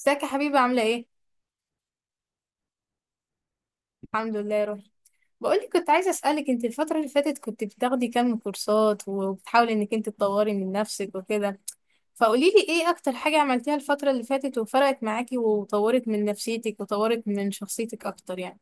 ازيك يا حبيبة؟ عاملة ايه؟ الحمد لله يا روحي. بقولك كنت عايزة اسألك، انت الفترة اللي فاتت كنت بتاخدي كام كورسات وبتحاولي انك انت تطوري من نفسك وكده، فقوليلي ايه اكتر حاجة عملتيها الفترة اللي فاتت وفرقت معاكي وطورت من نفسيتك وطورت من شخصيتك اكتر يعني.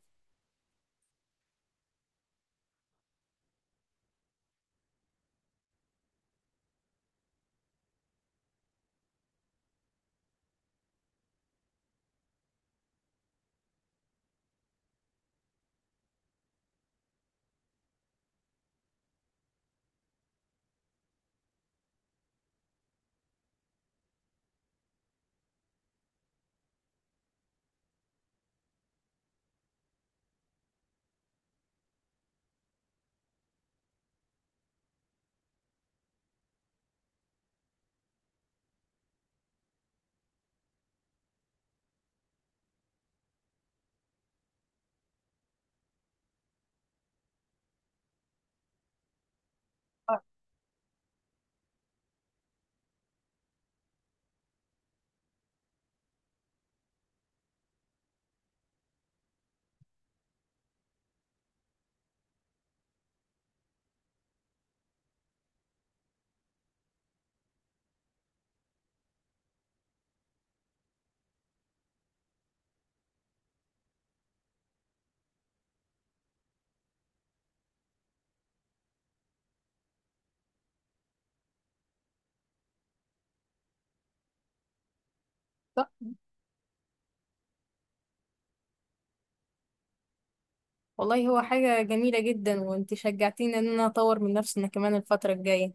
والله هو حاجة جميلة جدا، وانت شجعتيني ان انا اطور من نفسي انا كمان الفترة الجاية.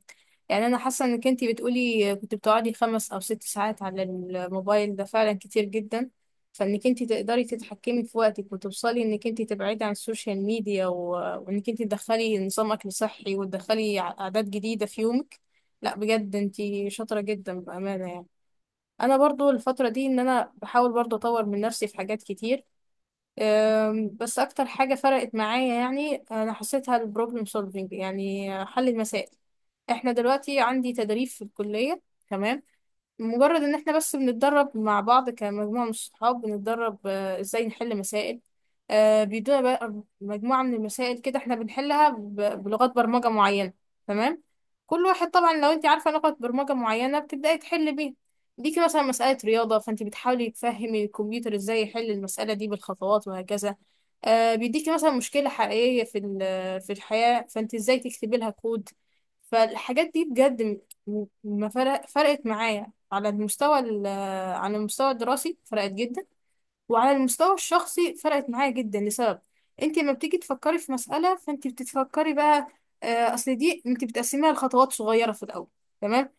يعني انا حاسة انك انت بتقولي كنت بتقعدي خمس او ست ساعات على الموبايل، ده فعلا كتير جدا. فانك انت تقدري تتحكمي في وقتك وتوصلي انك انت تبعدي عن السوشيال ميديا وانك انت تدخلي نظام اكل صحي وتدخلي عادات جديدة في يومك، لا بجد انت شاطرة جدا بأمانة يعني. انا برضو الفترة دي ان انا بحاول برضو اطور من نفسي في حاجات كتير. بس اكتر حاجه فرقت معايا يعني انا حسيتها البروبلم سولفينج، يعني حل المسائل. احنا دلوقتي عندي تدريب في الكليه، تمام؟ مجرد ان احنا بس بنتدرب مع بعض كمجموعة من الصحاب، بنتدرب ازاي نحل مسائل. بيدونا بقى مجموعة من المسائل كده، احنا بنحلها بلغات برمجة معينة، تمام؟ كل واحد طبعا لو انت عارفة لغة برمجة معينة بتبدأي تحل بيها. ليكي مثلا مسألة رياضة، فانت بتحاولي تفهمي الكمبيوتر ازاي يحل المسألة دي بالخطوات وهكذا. بيديكي مثلا مشكلة حقيقية في الحياة، فانت ازاي تكتبي لها كود؟ فالحاجات دي بجد م- ما فرق فرقت معايا على على المستوى الدراسي، فرقت جدا. وعلى المستوى الشخصي فرقت معايا جدا، لسبب: انت لما بتيجي تفكري في مسألة، فانت بتتفكري بقى، اصل دي انت بتقسميها لخطوات صغيرة في الاول، تمام؟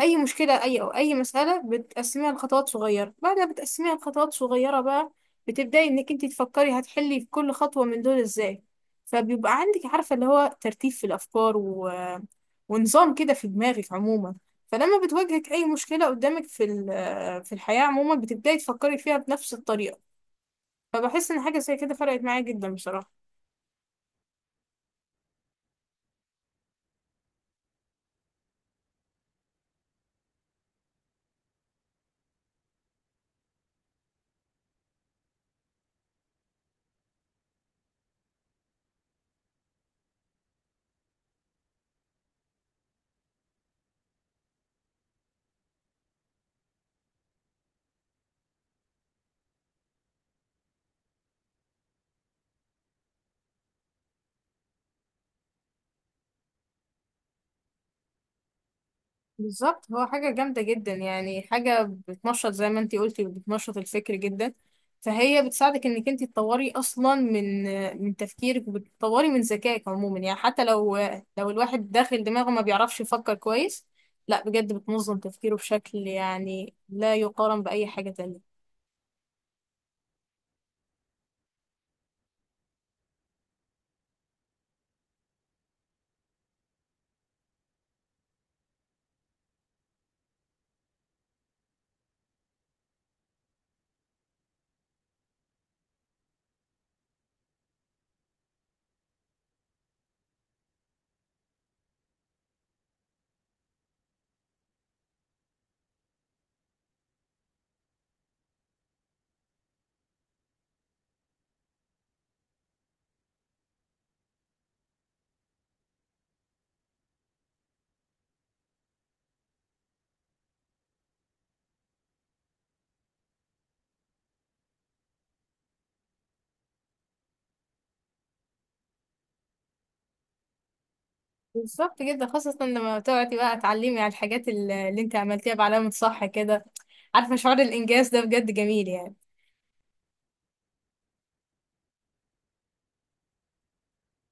اي مشكله اي مساله بتقسميها لخطوات صغيره، بعدها بتقسميها لخطوات صغيره بقى، بتبداي انك انت تفكري هتحلي في كل خطوه من دول ازاي. فبيبقى عندك عارفه اللي هو ترتيب في الافكار ونظام كده في دماغك عموما. فلما بتواجهك أي مشكلة قدامك في الحياة عموما، بتبدأي تفكري فيها بنفس الطريقة. فبحس إن حاجة زي كده فرقت معايا جدا بصراحة. بالظبط، هو حاجة جامدة جدا، يعني حاجة بتنشط زي ما انتي قلتي، بتنشط الفكر جدا. فهي بتساعدك انك انتي تطوري اصلا من تفكيرك، وبتطوري من ذكائك عموما. يعني حتى لو الواحد داخل دماغه ما بيعرفش يفكر كويس، لا بجد بتنظم تفكيره بشكل يعني لا يقارن بأي حاجة تانية. بالظبط جدا، خاصة لما تقعدي بقى تعلمي على اللي انت عملتيها بعلامة صح كده. عارفة شعور الإنجاز ده بجد جميل يعني.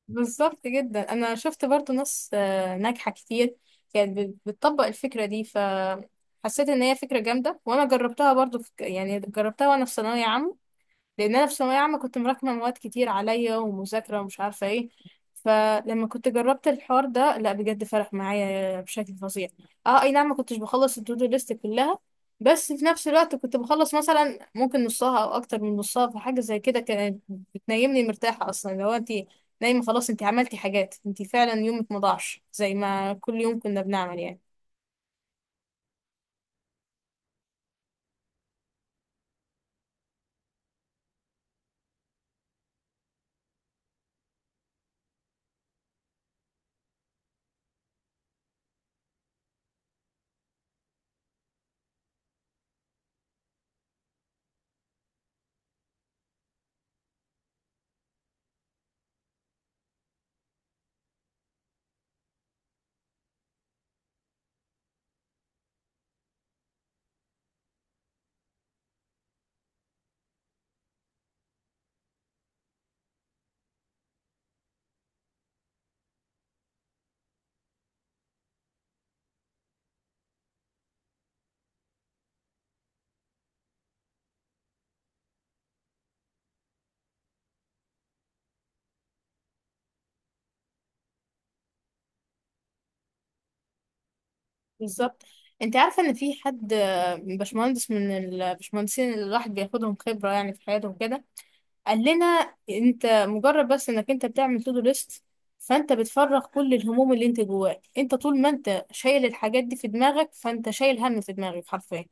بالظبط جدا، أنا شفت برضو ناس ناجحة كتير بتطبق الفكرة دي، فحسيت إن هي فكرة جامدة. وأنا جربتها برضو يعني جربتها وأنا في ثانوية عامة. لان انا في ثانويه عامه كنت مراكمه مواد كتير عليا ومذاكره ومش عارفه ايه، فلما كنت جربت الحوار ده لا بجد فرق معايا بشكل فظيع. اه، اي نعم، ما كنتش بخلص التودو ليست كلها، بس في نفس الوقت كنت بخلص مثلا ممكن نصها او اكتر من نصها، فحاجه زي كده كانت بتنيمني مرتاحه. اصلا لو انت نايمه خلاص، انت عملتي حاجات، انت فعلا يومك ما ضاعش زي ما كل يوم كنا بنعمل يعني. بالظبط. انت عارفه ان في حد، باشمهندس من الباشمهندسين اللي الواحد بياخدهم خبره يعني في حياته وكده، قال لنا: انت مجرد بس انك انت بتعمل تو دو ليست، فانت بتفرغ كل الهموم اللي انت جواك. انت طول ما انت شايل الحاجات دي في دماغك، فانت شايل هم في دماغك حرفيا.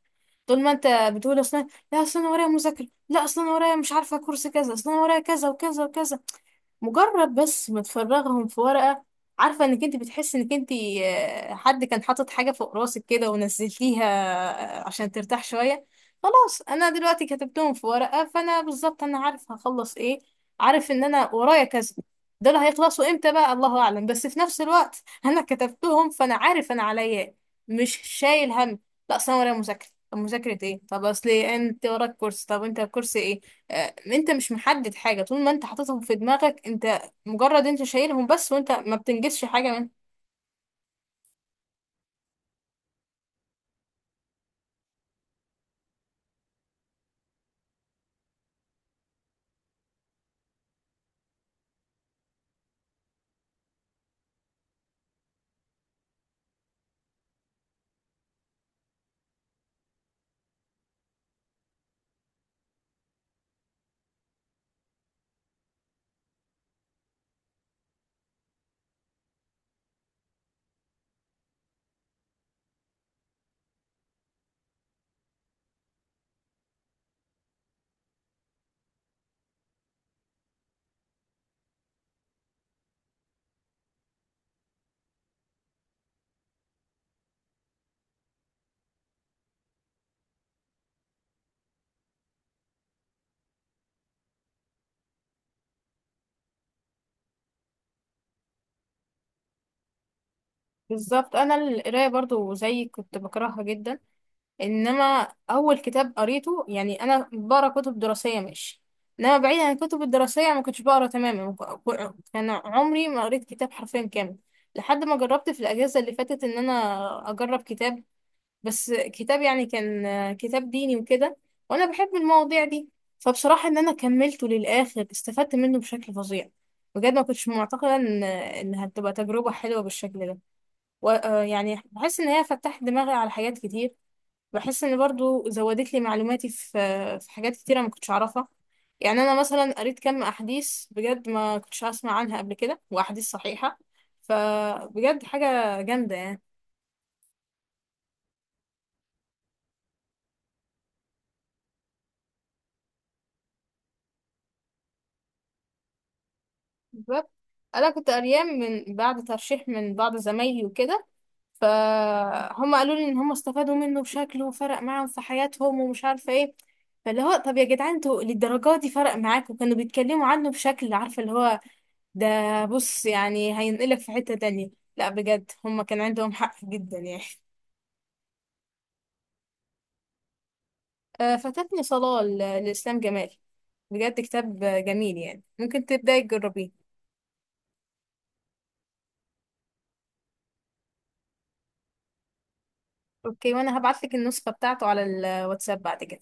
طول ما انت بتقول اصلا لا اصل انا ورايا مذاكره، لا اصل انا ورايا مش عارفه كورس كذا، اصل انا ورايا كذا وكذا وكذا، مجرد بس ما تفرغهم في ورقة، عارفة انك انت بتحس انك انت، حد كان حاطط حاجة فوق راسك كده ونزلتيها، عشان ترتاح شوية. خلاص انا دلوقتي كتبتهم في ورقة، فانا بالظبط انا عارف هخلص ايه، عارف ان انا ورايا كذا، دول هيخلصوا امتى بقى الله اعلم، بس في نفس الوقت انا كتبتهم فانا عارف انا عليا إيه. مش شايل هم. لا اصل انا ورايا مذاكرة، طب مذاكرة ايه؟ طب اصل إيه؟ انت وراك كورس، طب انت الكورس ايه؟ انت مش محدد حاجة. طول ما انت حاططهم في دماغك، انت مجرد انت شايلهم بس، وانت ما بتنجزش حاجة منهم. بالظبط. انا القراية برضو زي، كنت بكرهها جدا. انما اول كتاب قريته، يعني انا بقرا كتب دراسية ماشي، انما بعيد عن الكتب الدراسية ما كنتش بقرا تماما، كان عمري ما قريت كتاب حرفيا كامل، لحد ما جربت في الاجازة اللي فاتت ان انا اجرب كتاب. بس كتاب يعني، كان كتاب ديني وكده، وانا بحب المواضيع دي. فبصراحة ان انا كملته للاخر، استفدت منه بشكل فظيع. بجد ما كنتش معتقدة ان هتبقى تجربة حلوة بالشكل ده. آه، يعني بحس ان هي فتحت دماغي على حاجات كتير. بحس ان برضو زودت لي معلوماتي في في حاجات كتيرة ما كنتش اعرفها. يعني انا مثلا قريت كم احاديث بجد ما كنتش اسمع عنها قبل كده، واحاديث صحيحة. فبجد حاجة جامدة يعني. بالظبط. انا كنت قريان من بعد ترشيح من بعض زمايلي وكده، فهم قالوا لي ان هم استفادوا منه بشكله وفرق معاهم في حياتهم ومش عارفه ايه. فاللي هو طب يا جدعان انتوا للدرجه دي فرق معاكم؟ كانوا بيتكلموا عنه بشكل عارفه اللي هو ده، بص يعني هينقلك في حته تانية. لا بجد هم كان عندهم حق جدا يعني. فاتتني صلاه، لاسلام جمال. بجد كتاب جميل يعني، ممكن تبداي تجربيه. اوكي، وانا هبعتلك النسخه بتاعته على الواتساب بعد كده.